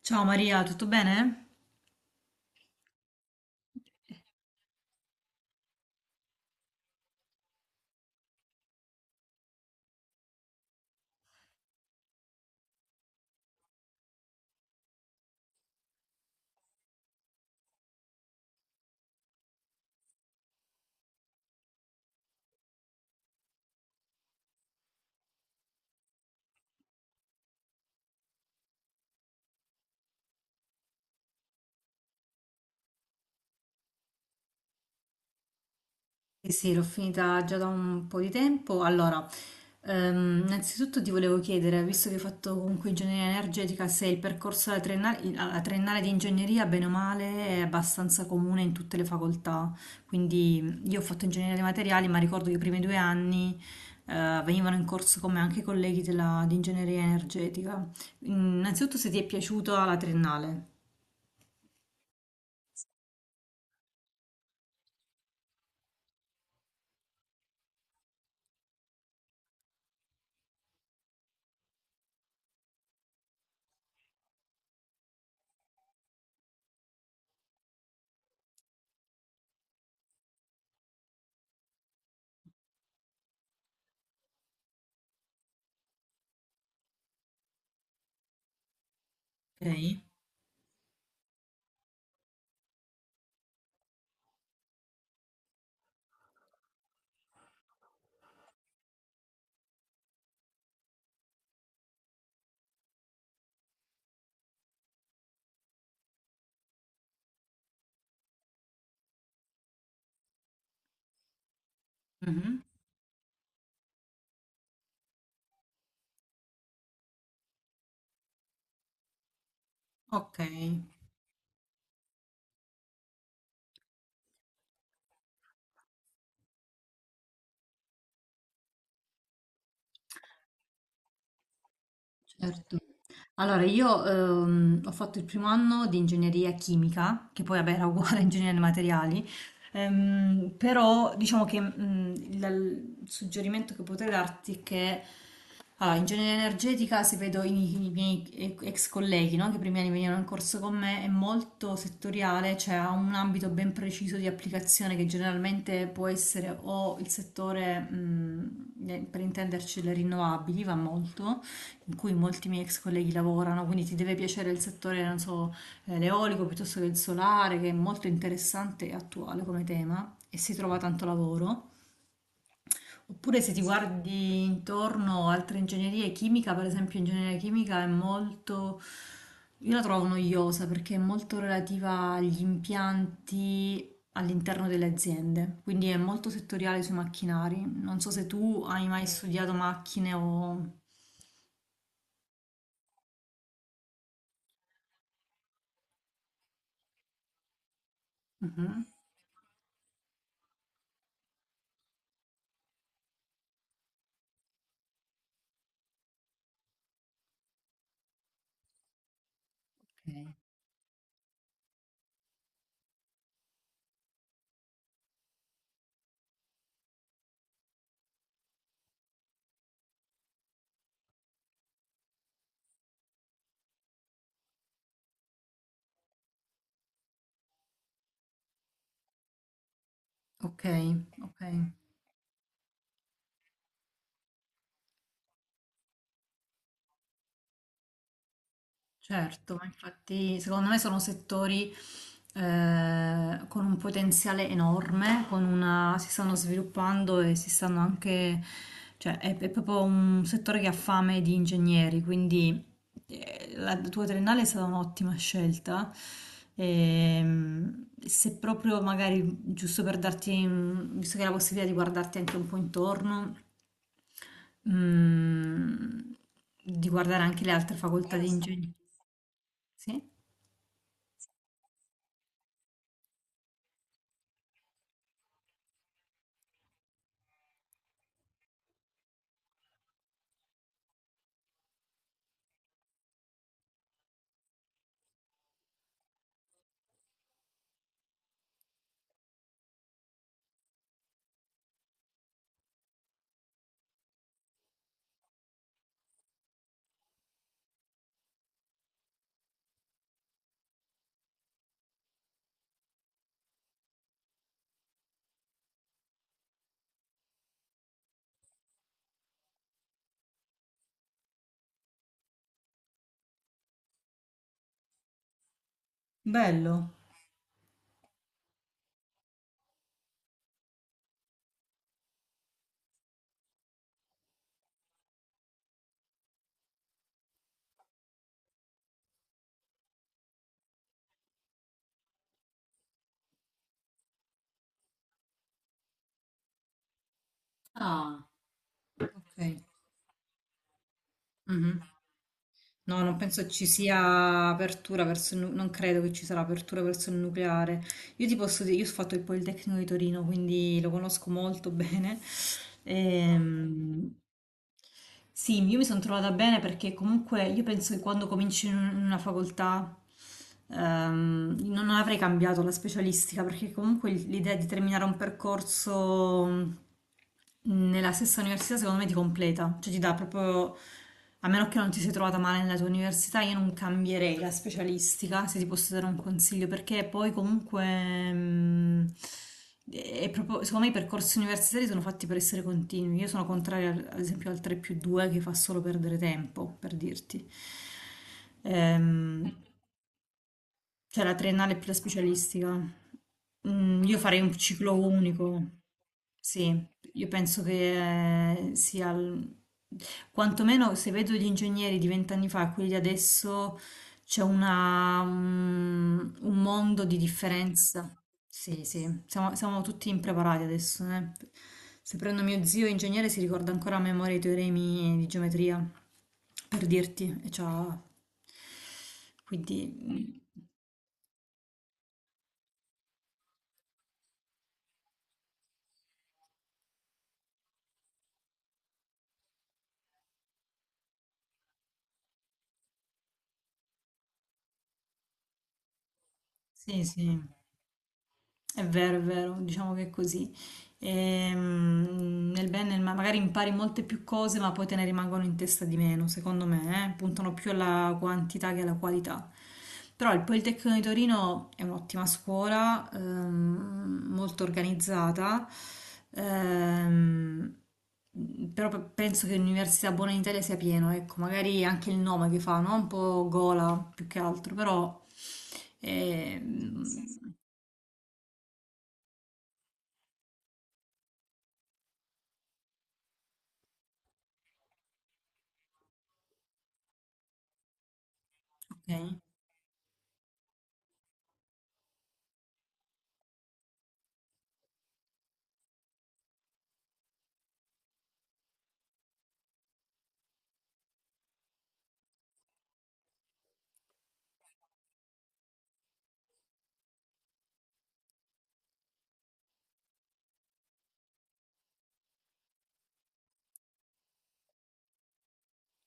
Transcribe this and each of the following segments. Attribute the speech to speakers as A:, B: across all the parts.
A: Ciao Maria, tutto bene? Sì, sì, l'ho finita già da un po' di tempo. Allora, innanzitutto ti volevo chiedere, visto che hai fatto comunque ingegneria energetica, se il percorso alla triennale di ingegneria, bene o male, è abbastanza comune in tutte le facoltà. Quindi io ho fatto ingegneria dei materiali, ma ricordo che i primi 2 anni, venivano in corso con me anche i colleghi di ingegneria energetica. Innanzitutto se ti è piaciuta la triennale. Ok. Mhm. Ok, certo. Allora, io ho fatto il primo anno di ingegneria chimica, che poi vabbè, era uguale a ingegneria dei materiali, però diciamo che il suggerimento che potrei darti è che allora, ingegneria energetica, se vedo i miei ex colleghi, no, che i primi anni venivano in corso con me, è molto settoriale, cioè ha un ambito ben preciso di applicazione che generalmente può essere o il settore, per intenderci, le rinnovabili, va molto in cui molti miei ex colleghi lavorano, quindi ti deve piacere il settore, non so, l'eolico piuttosto che il solare, che è molto interessante e attuale come tema e si trova tanto lavoro. Oppure se ti guardi intorno altre ingegnerie, chimica, per esempio, ingegneria chimica è molto... Io la trovo noiosa perché è molto relativa agli impianti all'interno delle aziende, quindi è molto settoriale sui macchinari. Non so se tu hai mai studiato macchine o... Mhm. Ok. Okay, okay. Certo, ma infatti secondo me sono settori con un potenziale enorme, si stanno sviluppando e si stanno anche, cioè è proprio un settore che ha fame di ingegneri, quindi la tua triennale è stata un'ottima scelta. Se proprio magari, giusto per darti, visto che hai la possibilità di guardarti anche un po' intorno, mm, di guardare anche le altre facoltà di ingegneria. Sì? Bello. Ah, ok. Mhm. No, non penso ci sia apertura verso non credo che ci sarà apertura verso il nucleare. Io ti posso dire, io ho fatto il Politecnico di Torino, quindi lo conosco molto bene. Ehm, Sì, io mi sono trovata bene perché comunque io penso che quando cominci in in una facoltà non avrei cambiato la specialistica perché comunque l'idea di terminare un percorso nella stessa università secondo me ti completa, cioè ti dà proprio, a meno che non ti sei trovata male nella tua università, io non cambierei la specialistica, se ti posso dare un consiglio, perché poi comunque, mm, è proprio, secondo me i percorsi universitari sono fatti per essere continui, io sono contraria ad esempio al 3 più 2 che fa solo perdere tempo, per dirti. Ehm, cioè la triennale è più la specialistica. Io farei un ciclo unico. Sì, io penso che sia... Quantomeno se vedo gli ingegneri di vent'anni fa e quelli di adesso c'è un mondo di differenza. Sì, sì, siamo tutti impreparati adesso. Eh. Se prendo mio zio ingegnere si ricorda ancora a memoria i teoremi di geometria, per dirti, e c'ha... Quindi... mm, Sì, sì, è vero, diciamo che è così. Nel bene, e nel male, magari impari molte più cose, ma poi te ne rimangono in testa di meno, secondo me, eh? Puntano più alla quantità che alla qualità. Però il Politecnico di Torino è un'ottima scuola, molto organizzata, ehm, però penso che l'università buona in Italia sia pieno, ecco, magari anche il nome che fa, no? Un po' gola più che altro, però... ehm, Ok,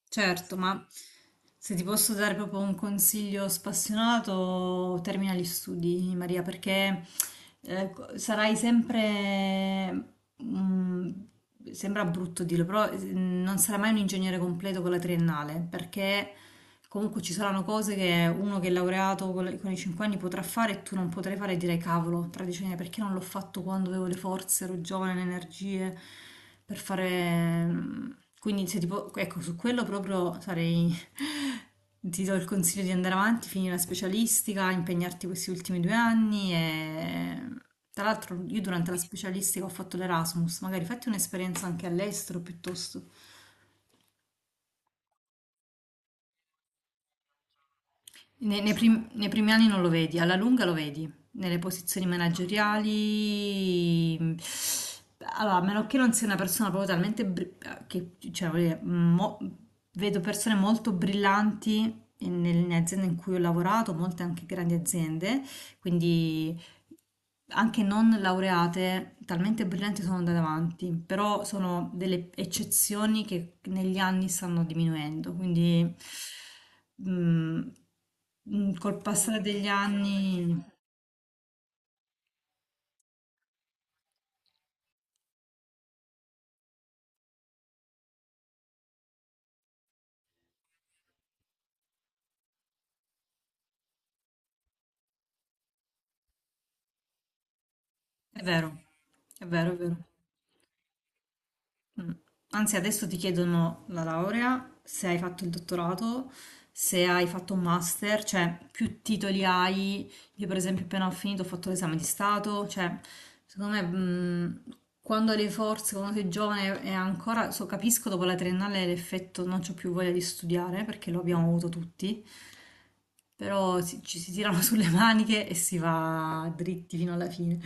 A: certo, ma se ti posso dare proprio un consiglio spassionato, termina gli studi, Maria, perché sarai sempre, mm, sembra brutto dirlo, però non sarai mai un ingegnere completo con la triennale, perché comunque ci saranno cose che uno che è laureato con i 5 anni potrà fare e tu non potrai fare e direi cavolo, tra 10 anni perché non l'ho fatto quando avevo le forze, ero giovane, le energie per fare... Quindi se tipo, ecco, su quello proprio sarei... Ti do il consiglio di andare avanti, finire la specialistica, impegnarti questi ultimi 2 anni e... Tra l'altro io durante la specialistica ho fatto l'Erasmus, magari fatti un'esperienza anche all'estero piuttosto. Nei primi anni non lo vedi, alla lunga lo vedi, nelle posizioni manageriali. Allora, a meno che non sia una persona proprio talmente... che, cioè, voglio dire, vedo persone molto brillanti nelle aziende in cui ho lavorato, molte anche grandi aziende, quindi anche non laureate, talmente brillanti sono andate avanti, però sono delle eccezioni che negli anni stanno diminuendo, quindi mm, col passare degli anni è vero, è vero, è vero. Mm. Anzi, adesso ti chiedono la laurea, se hai fatto il dottorato, se hai fatto un master, cioè più titoli hai. Io, per esempio, appena ho finito, ho fatto l'esame di Stato, cioè, secondo me, quando hai le forze, quando sei giovane e ancora, so, capisco dopo la triennale l'effetto non c'ho più voglia di studiare, perché lo abbiamo avuto tutti, però ci si tirano sulle maniche e si va dritti fino alla fine.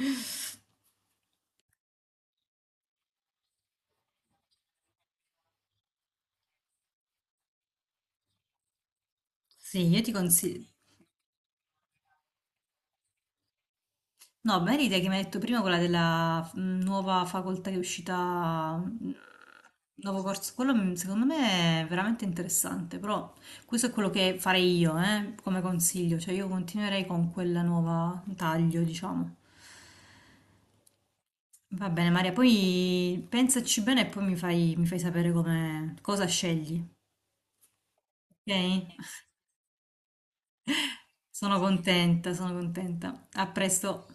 A: Sì, io ti consiglio. No, bella idea che mi hai detto prima, quella della nuova facoltà che è uscita, nuovo corso, quello secondo me è veramente interessante, però questo è quello che farei io, come consiglio, cioè io continuerei con quella nuova taglio, diciamo. Va bene, Maria, poi pensaci bene e poi mi fai sapere come, cosa scegli, ok? Sono contenta, sono contenta. A presto.